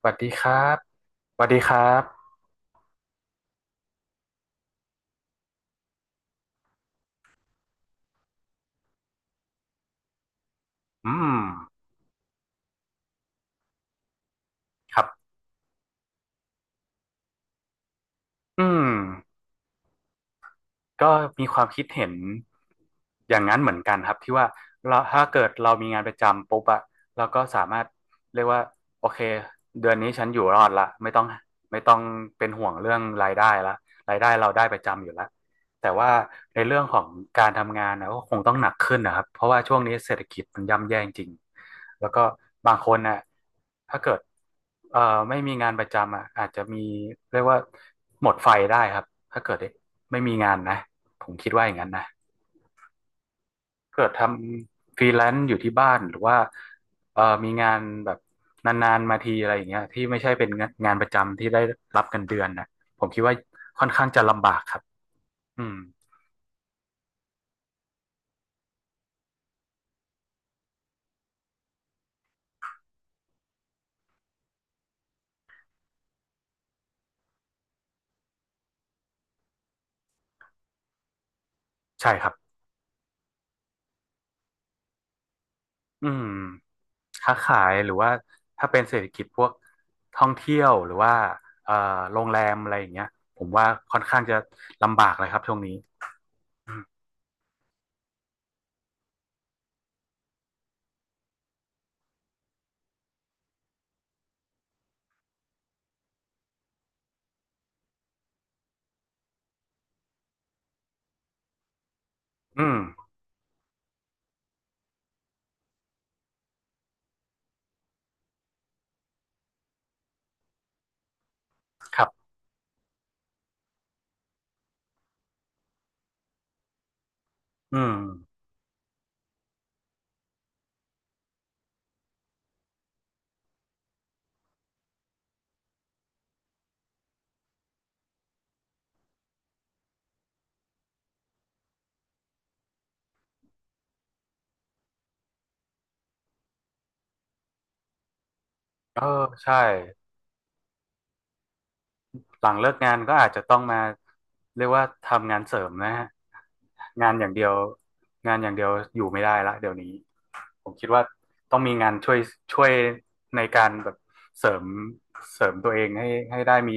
สวัสดีครับสวัสดีครับอืมครับอืมก็มีความคิดเห็นอย่างนั้นเหมือนกันครับที่ว่าเราถ้าเกิดเรามีงานประจำปุ๊บอะเราก็สามารถเรียกว่าโอเคเดือนนี้ฉันอยู่รอดละไม่ต้องเป็นห่วงเรื่องรายได้ละรายได้เราได้ประจำอยู่ละแต่ว่าในเรื่องของการทำงานนะก็คงต้องหนักขึ้นนะครับ เพราะว่าช่วงนี้เศรษฐกิจมันย่ำแย่จริง แล้วก็บางคนน่ะถ้าเกิดเอ่อไม่มีงานประจำอ่ะอาจจะมีเรียกว่าหมดไฟได้ครับถ้าเกิดไม่มีงานนะผมคิดว่าอย่างนั้นนะเกิดทำฟรีแลนซ์อยู่ที่บ้านหรือว่ามีงานแบบนานๆมาทีอะไรอย่างเงี้ยที่ไม่ใช่เป็นงานประจำที่ได้รับเงินเดือนนะผมคิดว่าค่อนข้างจะลำบากครับอืมใช่ครับอืม ค้าขายหรือว่าถ้าเป็นเศรษฐกิจพวกท่องเที่ยวหรือว่าเอ่อโรงแรมอะไรอย่างเงี้ยผมว่าค่อนข้างจะลำบากเลยครับช่วงนี้อืมอืมครับอืมเออใช่หลังเลิกงานก็อาจจะต้องมาเรียกว่าทำงานเสริมนะฮะงานอย่างเดียวงานอย่างเดียวอยู่ไม่ได้ละเดี๋ยวนี้ ผมคิดว่าต้องมีงานช่วยในการแบบเสริมเสริมตัวเองให้ได้มี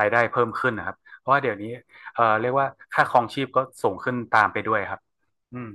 รายได้เพิ่มขึ้นนะครับเพราะว่าเดี๋ยวนี้เรียกว่าค่าครองชีพก็สูงขึ้นตามไปด้วยครับอืม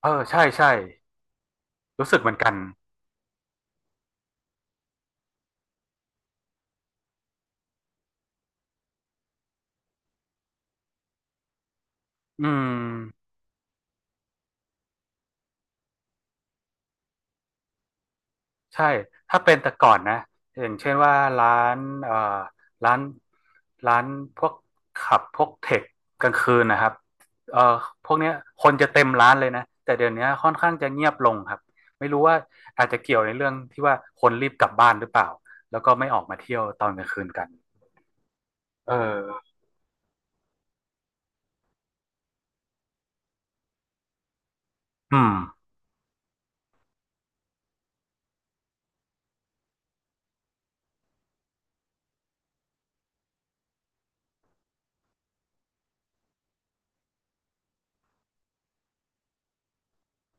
เออใช่ใช่รู้สึกเหมือนกันอืม ใช่ ถ้าเป็นแต่ก่อนนะอย่างเช่นว่าร้านเอ่อร้านร้านพวกขับพวกเทคกลางคืนนะครับเอ่อพวกเนี้ยคนจะเต็มร้านเลยนะ แต่เดี๋ยวนี้ค่อนข้างจะเงียบลงครับ ไม่รู้ว่าอาจจะเกี่ยวในเรื่องที่ว่าคนรีบกลับบ้านหรือเปล่า แล้วก็ไม่ออกมาเที่ยวตอนกลางคืนกัน เออ อืม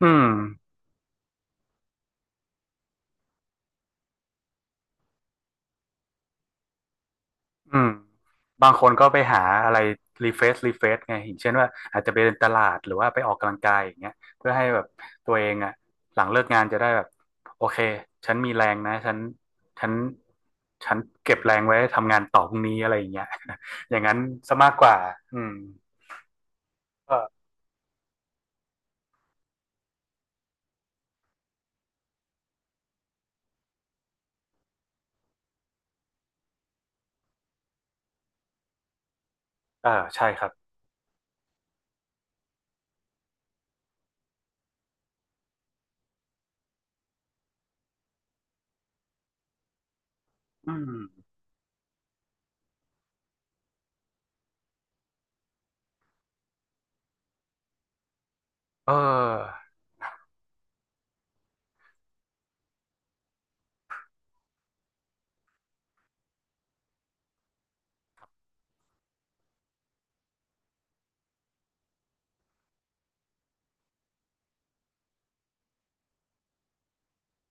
อืม อืมบางคนก็ไปหาอะไรรีเฟรชไงอย่างเช่นว่าอาจจะไปเดินตลาดหรือว่าไปออกกำลังกายอย่างเงี้ยเพื่อให้แบบตัวเองอ่ะหลังเลิกงานจะได้แบบโอเคฉันมีแรงนะฉันฉันเก็บแรงไว้ทำงานต่อพรุ่งนี้อะไรอย่างเงี้ย อย่างนั้นซะมากกว่าอืมก็เออใช่ครับอืมเออ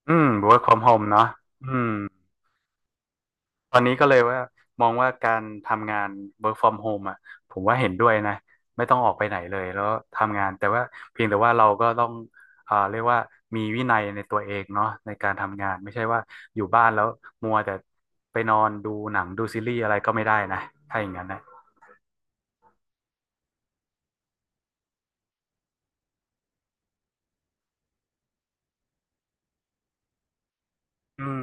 อืม work from home เนาะอืม ตอนนี้ก็เลยว่ามองว่าการทำงาน work from home อ่ะผมว่าเห็นด้วยนะไม่ต้องออกไปไหนเลยแล้วทำงานแต่ว่าเพียงแต่ว่าเราก็ต้องอ่าเรียกว่ามีวินัยในตัวเองเนาะในการทำงานไม่ใช่ว่าอยู่บ้านแล้วมัวแต่ไปนอนดูหนังดูซีรีส์อะไรก็ไม่ได้นะถ้าอย่างนั้นนะอืม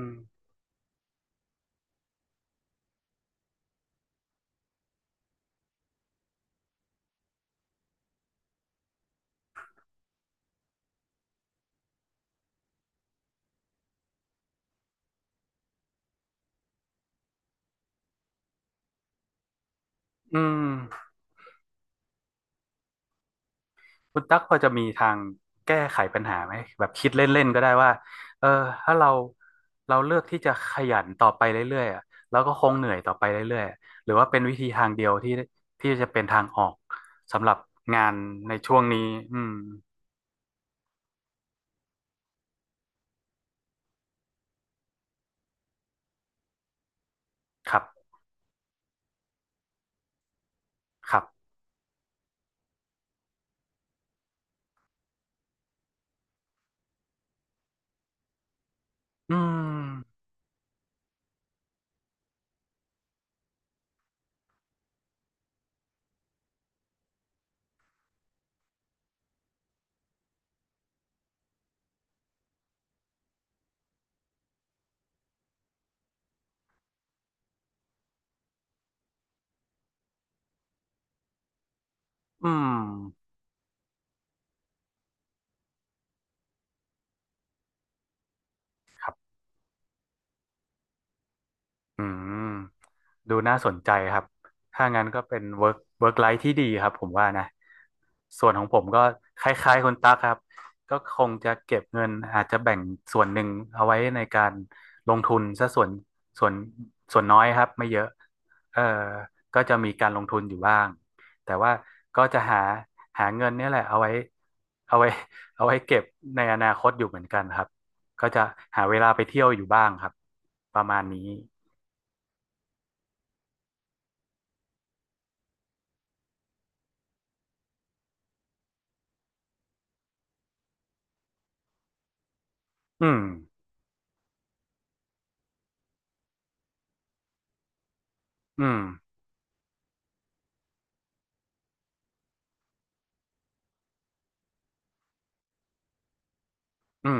อืม คุณตั๊กพอจะมีทางแก้ไขปัญหาไหมแบบคิดเล่นๆก็ได้ว่าเออถ้าเราเลือกที่จะขยันต่อไปเรื่อยๆอะแล้วก็คงเหนื่อยต่อไปเรื่อยๆอะหรือว่าเป็นวิธีทางเดียวที่จะเป็นทางออกสำหรับงานในช่วงนี้อืมครับครับอืมอืมครับ อืมดูน่าสนใจครับถ้างั้นก็เป็น work life ที่ดีครับผมว่านะส่วนของผมก็คล้ายๆคุณตั๊กครับก็คงจะเก็บเงินอาจจะแบ่งส่วนหนึ่งเอาไว้ในการลงทุนซะส่วนส่วนน้อยครับไม่เยอะเอ่อก็จะมีการลงทุนอยู่บ้างแต่ว่าก็จะหาหาเงินเนี่ยแหละเอาไว้เอาไว้เก็บในอนาคตอยู่เหมือนกันครับก็จะหาเวลาไปเที่ยวอยู่บ้างครับประมาณนี้ อืมอืมอืม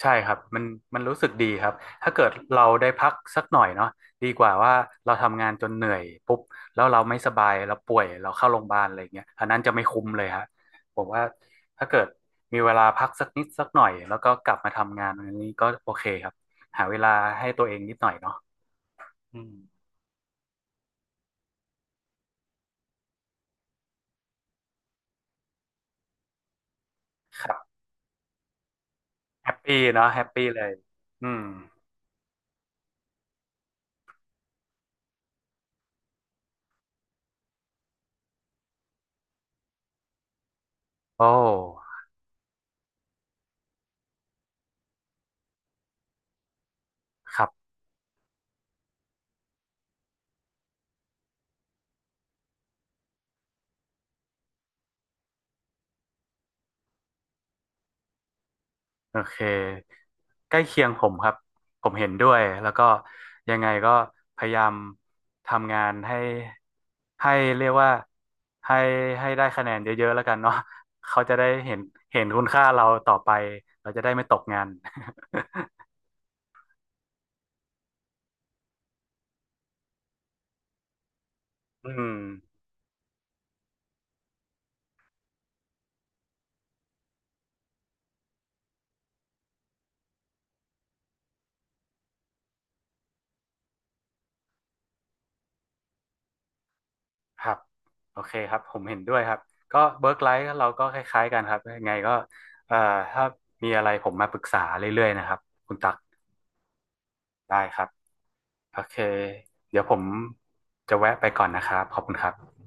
ใช่ครับมันรู้สึกดีครับ ถ้าเกิดเราได้พักสักหน่อยเนาะดีกว่าว่าเราทำงานจนเหนื่อยปุ๊บแล้วเราไม่สบายเราป่วยเราเข้าโรงพยาบาลอะไรเงี้ยอันนั้นจะไม่คุ้มเลยฮะผมว่าถ้าเกิดมีเวลาพักสักนิดสักหน่อยแล้วก็กลับมาทำงานอันนี้ก็โอเคครับหาเวลาให้ตัวเองนิดหน่อยเนาะอืมครับแฮปปี้เนาะแฮปปี้เลยอืมโอ้ครับ โอเคใกล้เคียงผมครับผมเห็นด้วยแล้วก็ยังไงก็พยายามทำงานให้เรียกว่าให้ให้ได้คะแนนเยอะๆแล้วกันเนาะเขาจะได้เห็นคุณค่าเราต่อไปเราจะได้ไม่ตกงาน อืมครับโอเคครับผมเห็นด้วยครับก็เวิร์กไลฟ์เราก็คล้ายๆกันครับยังไงก็เอ่อถ้ามีอะไรผมมาปรึกษาเรื่อยๆนะครับคุณตักได้ครับ โอเค เดี๋ยวผมจะแวะไปก่อนนะครับ ขอบคุณครับ